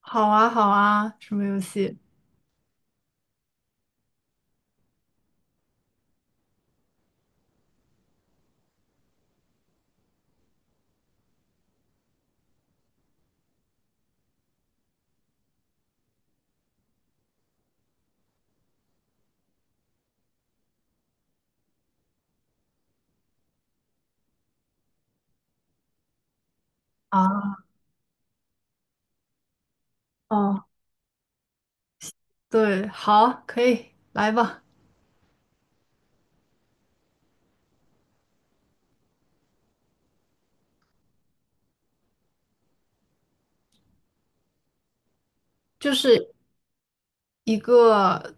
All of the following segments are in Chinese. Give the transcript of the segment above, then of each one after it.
好啊，好啊，什么游戏啊？哦，对，好，可以，来吧，就是一个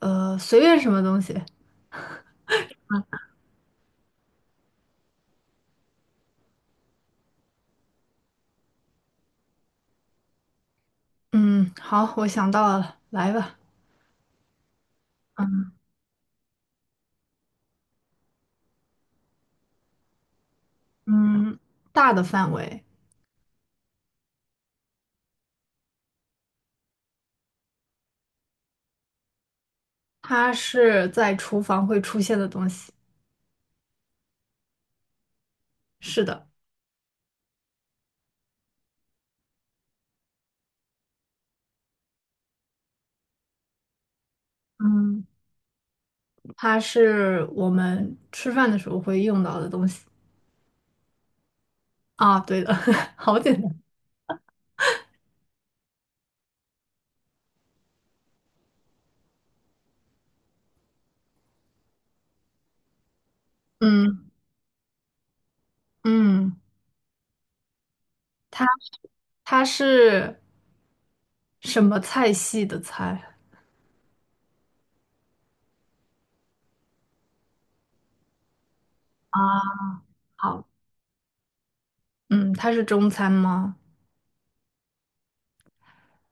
随便什么东西。嗯，好，我想到了，来吧。嗯，大的范围，它是在厨房会出现的东西。是的，嗯，它是我们吃饭的时候会用到的东西。啊，对的，好简单。嗯嗯，它它是什么菜系的菜？啊？好，嗯，它是中餐吗？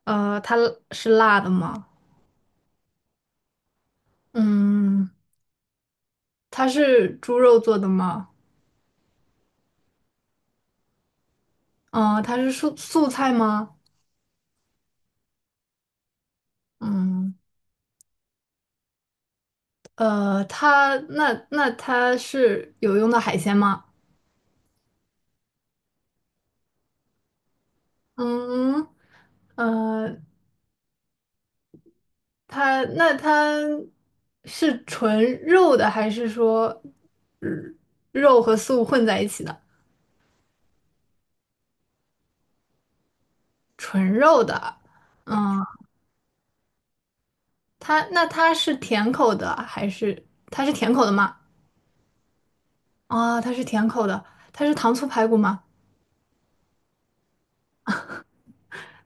它是辣的吗？嗯，它是猪肉做的吗？嗯，它是素菜吗？嗯，它那那它是有用的海鲜吗？嗯，呃，它是纯肉的，还是说呃肉和素混在一起的？纯肉的，嗯，它那它是甜口的，还是它是甜口的吗？啊，它是甜口的，它是糖醋排骨吗？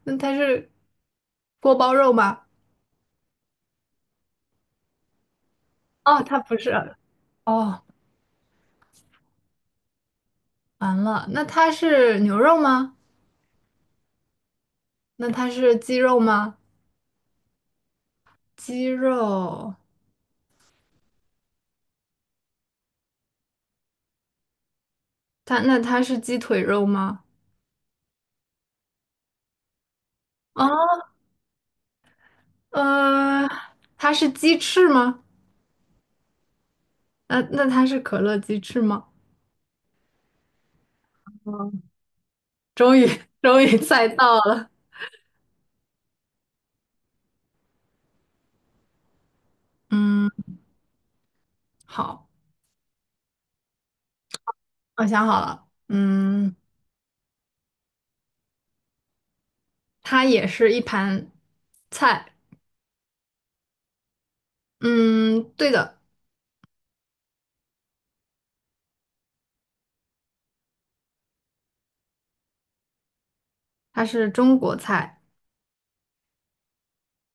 那它是锅包肉吗？哦，它不是。哦，完了，那它是牛肉吗？那它是鸡肉吗？鸡肉，它是鸡腿肉吗？哦，呃，它是鸡翅吗？那它是可乐鸡翅吗？终于 终于猜到了。嗯，好，我想好了。嗯，它也是一盘菜。嗯，对的。它是中国菜，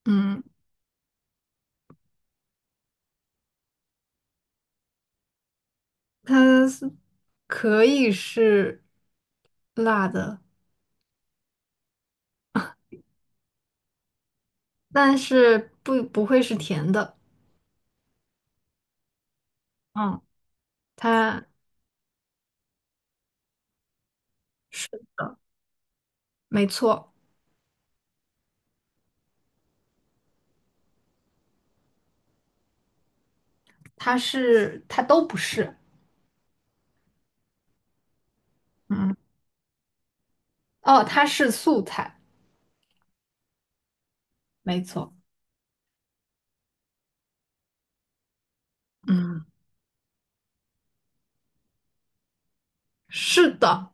嗯，它是可以是辣的，但是不会是甜的，嗯，它是的，没错，它都不是，嗯，哦，它是素菜，没错，嗯，是的，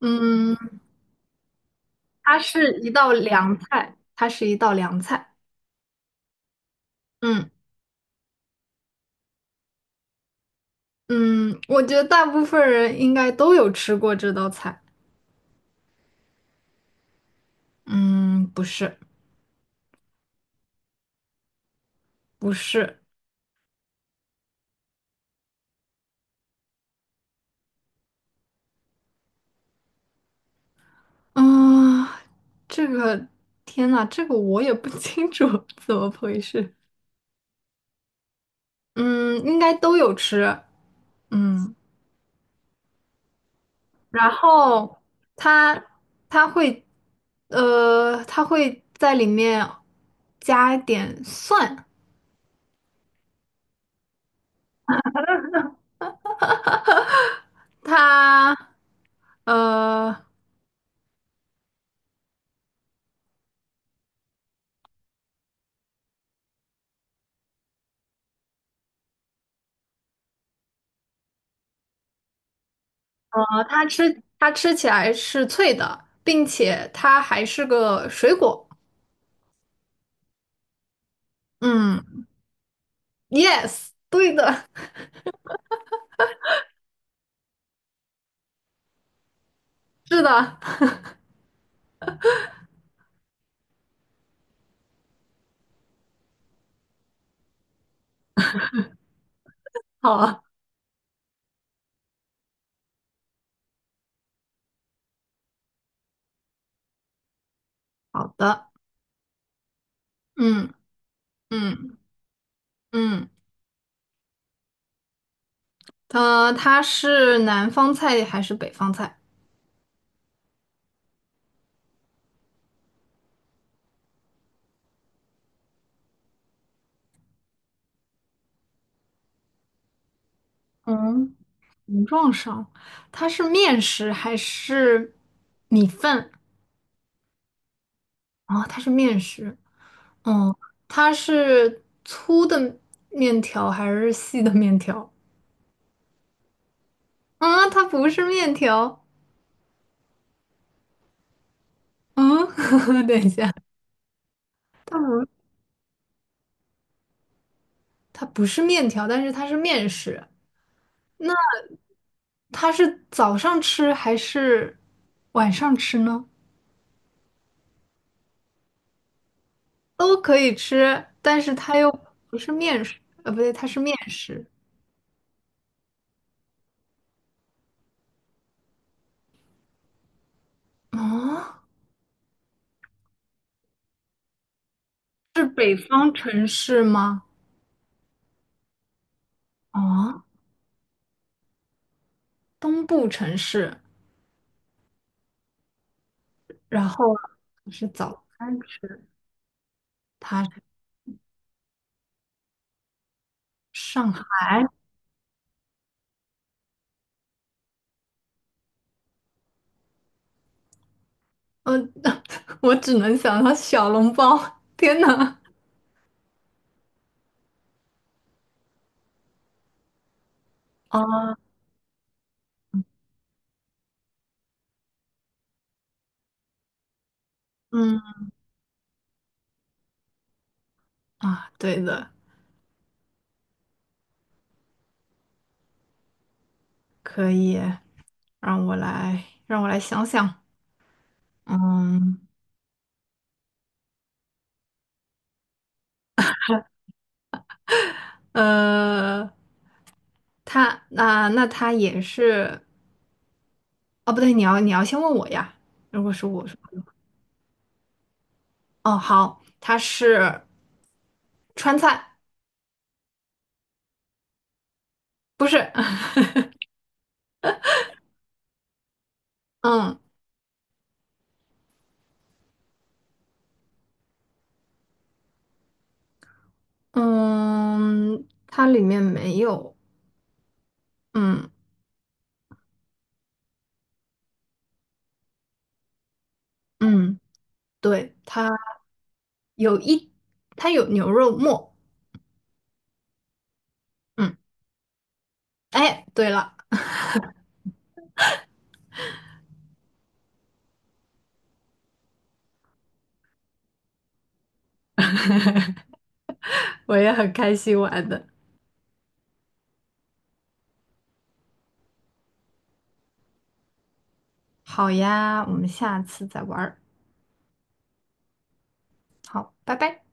嗯，它是一道凉菜，它是一道凉菜，嗯嗯，我觉得大部分人应该都有吃过这道菜，嗯，不是不是。啊，这个天呐，这个我也不清楚 怎么回事。嗯，应该都有吃。嗯，然后它它会它会在里面加一点蒜。它呃它吃起来是脆的，并且它还是个水果。嗯，yes，对的，是的，好好的，嗯。嗯嗯，它是南方菜还是北方菜？嗯，形状上，它是面食还是米饭？啊、它是面食，它是粗的面条还是细的面条？啊、它不是面条。嗯，等一下，它不，它不是面条，但是它是面食。它是早上吃还是晚上吃呢？都可以吃，但是它又不是面食，不对，它是面食。哦，是北方城市吗？哦，东部城市。然后啊是早餐吃，它是上海。嗯、我只能想到小笼包。天呐！哦，嗯啊，对的，可以。让我来想想。嗯，呃，它那那它也是。哦，不对，你要先问我呀。如果是我说，哦，好，它是川菜，不是，嗯嗯，它里面没有，嗯嗯，对，有一，它有牛肉末，嗯，哎，对了，我也很开心玩的。好呀，我们下次再玩儿。好，拜拜。